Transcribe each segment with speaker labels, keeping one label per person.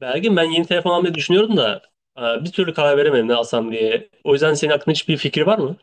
Speaker 1: Belgin ben yeni telefon almayı düşünüyorum da bir türlü karar veremedim ne alsam diye. O yüzden senin aklında hiçbir fikir var mı?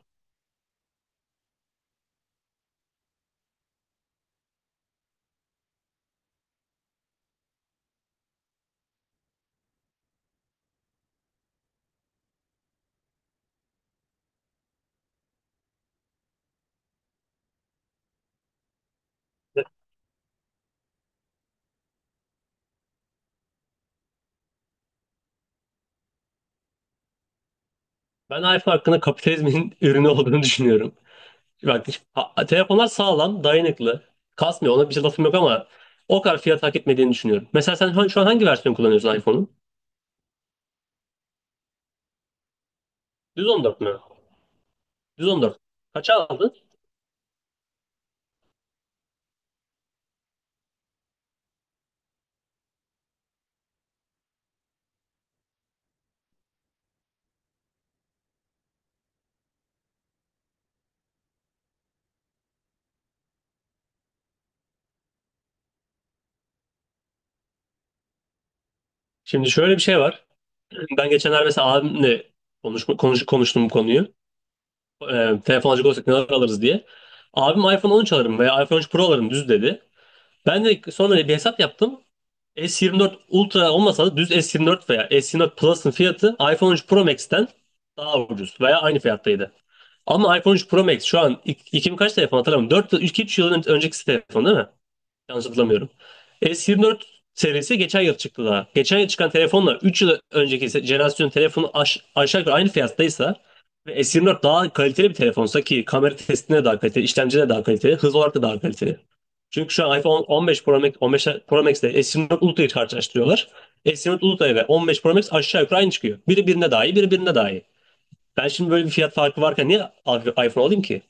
Speaker 1: Ben iPhone hakkında kapitalizmin ürünü olduğunu düşünüyorum. Bak telefonlar sağlam, dayanıklı, kasmıyor. Ona bir şey lafım yok ama o kadar fiyat hak etmediğini düşünüyorum. Mesela sen şu an hangi versiyon kullanıyorsun iPhone'un? Düz 14 mü? Düz 14. Kaça aldın? Şimdi şöyle bir şey var. Ben geçenler mesela abimle konuştum bu konuyu. E, telefon alacak olsak neler alırız diye. Abim iPhone 13 alırım veya iPhone 13 Pro alırım düz dedi. Ben de sonra bir hesap yaptım. S24 Ultra olmasa da düz S24 veya S24 Plus'ın fiyatı iPhone 13 Pro Max'ten daha ucuz veya aynı fiyattaydı. Ama iPhone 13 Pro Max şu an 2000 kaç telefon hatırlamıyorum. 2-3 yıl önceki telefon değil mi? Yanlış hatırlamıyorum. S24 serisi geçen yıl çıktı daha. Geçen yıl çıkan telefonla 3 yıl önceki jenerasyonun telefonu aşağı yukarı aynı fiyattaysa ve S24 daha kaliteli bir telefonsa ki kamera testine daha kaliteli, işlemci daha kaliteli, hız olarak da daha kaliteli. Çünkü şu an iPhone 15 Pro Max, 15 Pro Max ile S24 Ultra'yı karşılaştırıyorlar. S24 Ultra ve 15 Pro Max aşağı yukarı aynı çıkıyor. Biri birine daha iyi, biri birine daha iyi. Ben şimdi böyle bir fiyat farkı varken niye iPhone alayım ki?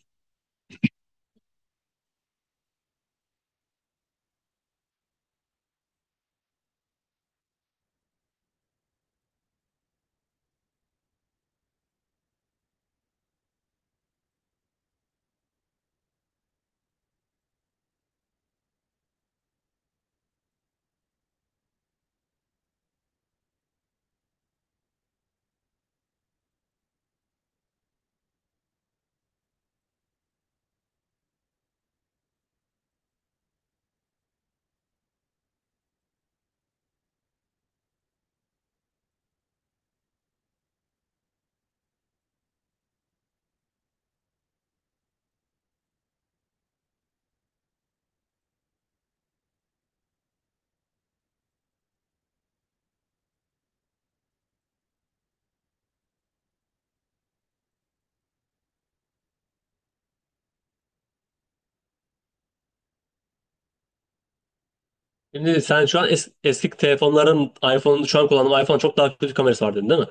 Speaker 1: Şimdi sen şu an eski telefonların iPhone'unu şu an kullandığın iPhone çok daha kötü kamerası var dedin değil mi?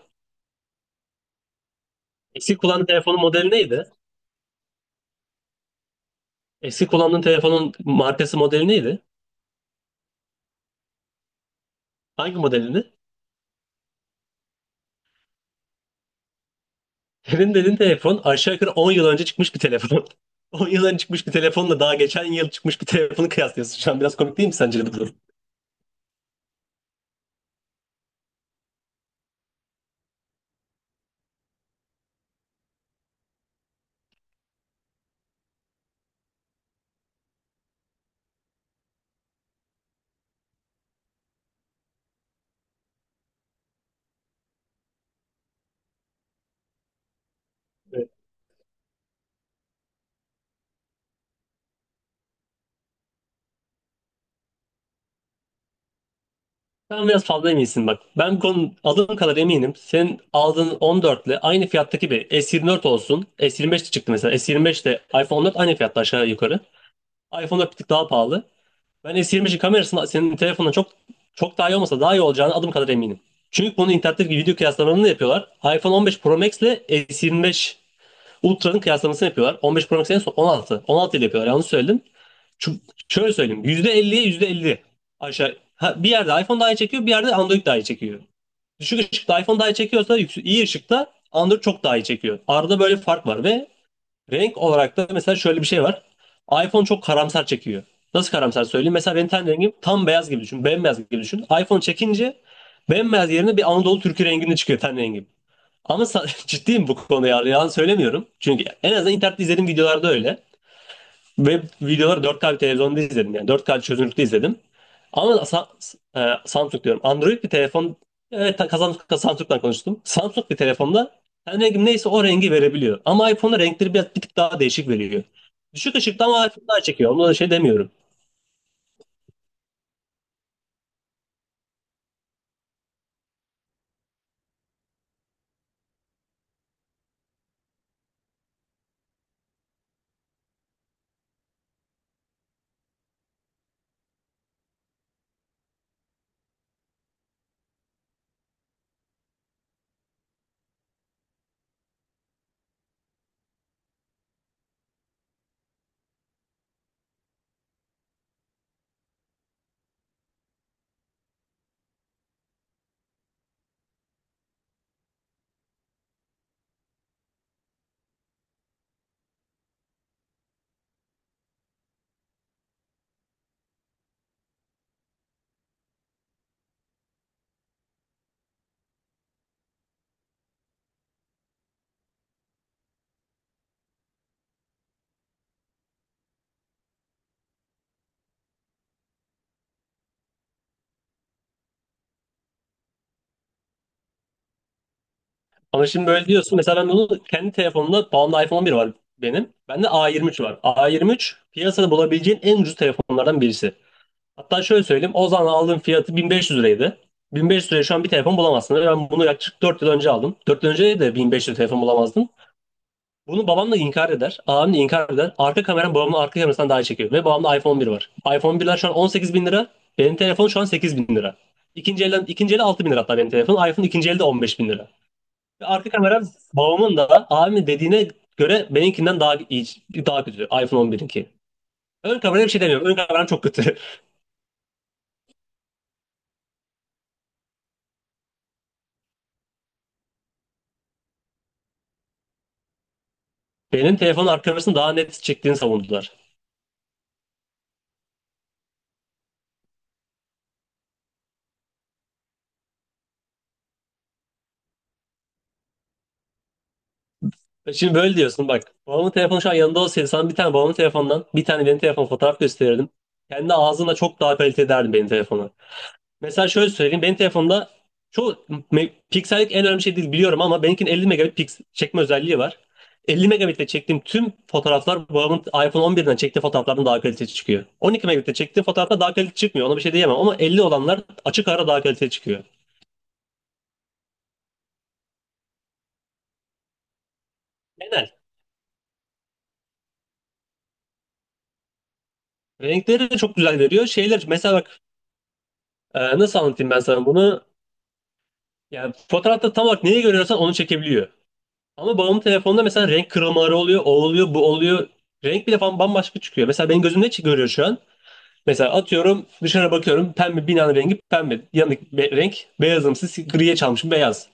Speaker 1: Eski kullandığın telefonun modeli neydi? Eski kullandığın telefonun markası modeli neydi? Hangi modelini? Senin dediğin telefon aşağı yukarı 10 yıl önce çıkmış bir telefon. 10 yıl önce çıkmış bir telefonla daha geçen yıl çıkmış bir telefonu kıyaslıyorsun. Şu an biraz komik değil mi sence bu durum? Evet. Sen biraz fazla eminsin bak. Ben bu konu aldığım kadar eminim. Senin aldığın 14 ile aynı fiyattaki bir S24 olsun. S25 de çıktı mesela. S25 ile iPhone 14 aynı fiyatta aşağı yukarı. iPhone'da bir tık daha pahalı. Ben S20'in kamerasının senin telefonundan çok çok daha iyi olmasa daha iyi olacağını adım kadar eminim. Çünkü bunu internetteki video kıyaslamalarını da yapıyorlar. iPhone 15 Pro Max ile S25 Ultra'nın kıyaslamasını yapıyorlar. 15 Pro Max en son 16. 16 ile yapıyorlar yanlış söyledim. Şu, şöyle söyleyeyim. %50'ye %50 aşağı. Ha, bir yerde iPhone daha iyi çekiyor, bir yerde Android daha iyi çekiyor. Düşük ışıkta iPhone daha iyi çekiyorsa yüksek, iyi ışıkta Android çok daha iyi çekiyor. Arada böyle bir fark var. Ve renk olarak da mesela şöyle bir şey var. iPhone çok karamsar çekiyor. Nasıl karamsar söyleyeyim? Mesela benim ten rengim tam beyaz gibi düşün. Bembeyaz gibi düşün. iPhone çekince bembeyaz yerine bir Anadolu türkü renginde çıkıyor ten rengim. Ama ciddiyim bu konuda ya. Yalan söylemiyorum. Çünkü en azından internette izlediğim videolarda öyle. Ve videoları 4K bir televizyonda izledim, yani 4K çözünürlükte izledim. Ama Samsung diyorum. Android bir telefon, evet, Samsung'dan konuştum. Samsung bir telefonda yani rengim neyse o rengi verebiliyor. Ama iPhone'da renkleri biraz bir tık daha değişik veriyor. Düşük ışıkta ama iPhone daha çekiyor. Ona da şey demiyorum. Ama şimdi böyle diyorsun. Mesela ben bunu kendi telefonumda bağımlı iPhone 11 var benim. Bende A23 var. A23 piyasada bulabileceğin en ucuz telefonlardan birisi. Hatta şöyle söyleyeyim. O zaman aldığım fiyatı 1500 liraydı. 1500 liraya şu an bir telefon bulamazsın. Ben bunu yaklaşık 4 yıl önce aldım. 4 yıl önce de 1500 telefon bulamazdım. Bunu babam da inkar eder. Abim de inkar eder. Arka kameram babamın arka kamerasından daha iyi çekiyor. Ve babamda iPhone 11 var. iPhone 1'ler şu an 18 bin lira. Benim telefon şu an 8 bin lira. İkinci elden, ikinci eli 6 bin lira hatta benim telefon. iPhone ikinci elde 15 bin lira. Arka kameram babamın da abimin dediğine göre benimkinden daha iyi, daha kötü. iPhone 11'inki. Ön kameraya bir şey demiyorum. Ön kameram çok kötü. Benim telefonun arka kamerasını daha net çektiğini savundular. Şimdi böyle diyorsun bak. Babamın telefonu şu an yanında olsaydı sana bir tane babamın telefonundan bir tane benim telefon fotoğraf gösterirdim. Kendi ağzına çok daha kaliteli derdim benim telefonu. Mesela şöyle söyleyeyim. Benim telefonumda çoğu piksellik en önemli şey değil biliyorum ama benimkinin 50 megabit çekme özelliği var. 50 megabitle çektiğim tüm fotoğraflar babamın iPhone 11'den çektiği fotoğraflardan daha kaliteli çıkıyor. 12 megabitle çektiğim fotoğrafta daha kaliteli çıkmıyor. Ona bir şey diyemem ama 50 olanlar açık ara daha kaliteli çıkıyor. Genel. Renkleri de çok güzel veriyor. Şeyler mesela bak, nasıl anlatayım ben sana bunu? Yani fotoğrafta tam olarak neyi görüyorsan onu çekebiliyor. Ama babamın telefonunda mesela renk kırılmaları oluyor, o oluyor, bu oluyor. Renk bile falan bambaşka çıkıyor. Mesela benim gözüm ne görüyor şu an? Mesela atıyorum dışarı bakıyorum, pembe binanın rengi pembe. Yanındaki renk beyazımsı, griye çalmışım beyaz.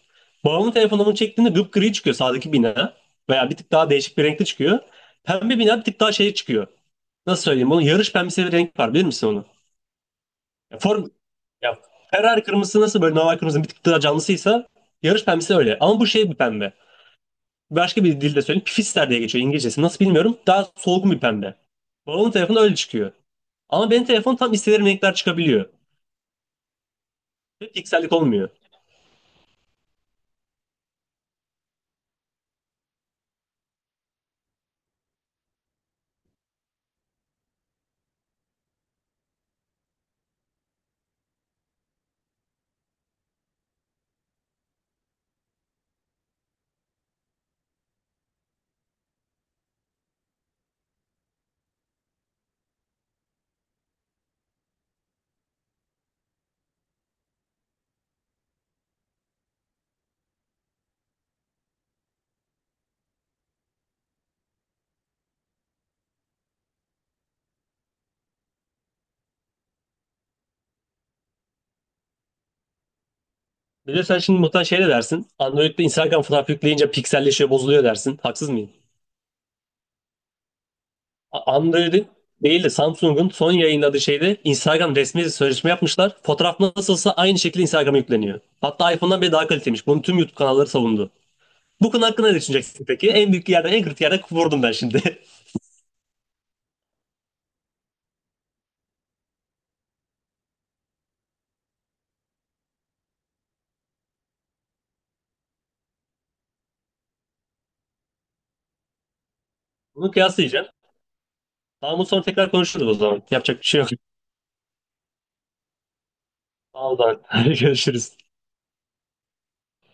Speaker 1: Babamın telefonunu bunu çektiğinde gri çıkıyor sağdaki bina. Veya bir tık daha değişik bir renkte çıkıyor. Pembe bina bir tık daha şey çıkıyor. Nasıl söyleyeyim bunu? Yarış pembesi bir renk var, bilir misin onu? Ya Form, ya Ferrari kırmızısı nasıl böyle normal kırmızının bir tık daha canlısıysa, yarış pembesi öyle. Ama bu şey bir pembe. Başka bir dilde söyleyeyim. Pifister diye geçiyor İngilizcesi. Nasıl bilmiyorum. Daha solgun bir pembe. Babamın telefonu öyle çıkıyor. Ama benim telefon tam istediğim renkler çıkabiliyor. Ve piksellik olmuyor. Bir de sen şimdi muhtemelen şey de dersin. Android'de Instagram fotoğrafı yükleyince pikselleşiyor, bozuluyor dersin. Haksız mıyım? Android'in değil de Samsung'un son yayınladığı şeyde Instagram resmi sözleşme yapmışlar. Fotoğraf nasılsa aynı şekilde Instagram'a yükleniyor. Hatta iPhone'dan bile daha kaliteliymiş. Bunu tüm YouTube kanalları savundu. Bu konu hakkında ne düşüneceksin peki? En büyük yerden, en kritik yerden vurdum ben şimdi. Bunu kıyaslayacağım. Tamam, bu sonra tekrar konuşuruz o zaman. Yapacak bir şey yok. Sağ ol, Doğan. Görüşürüz.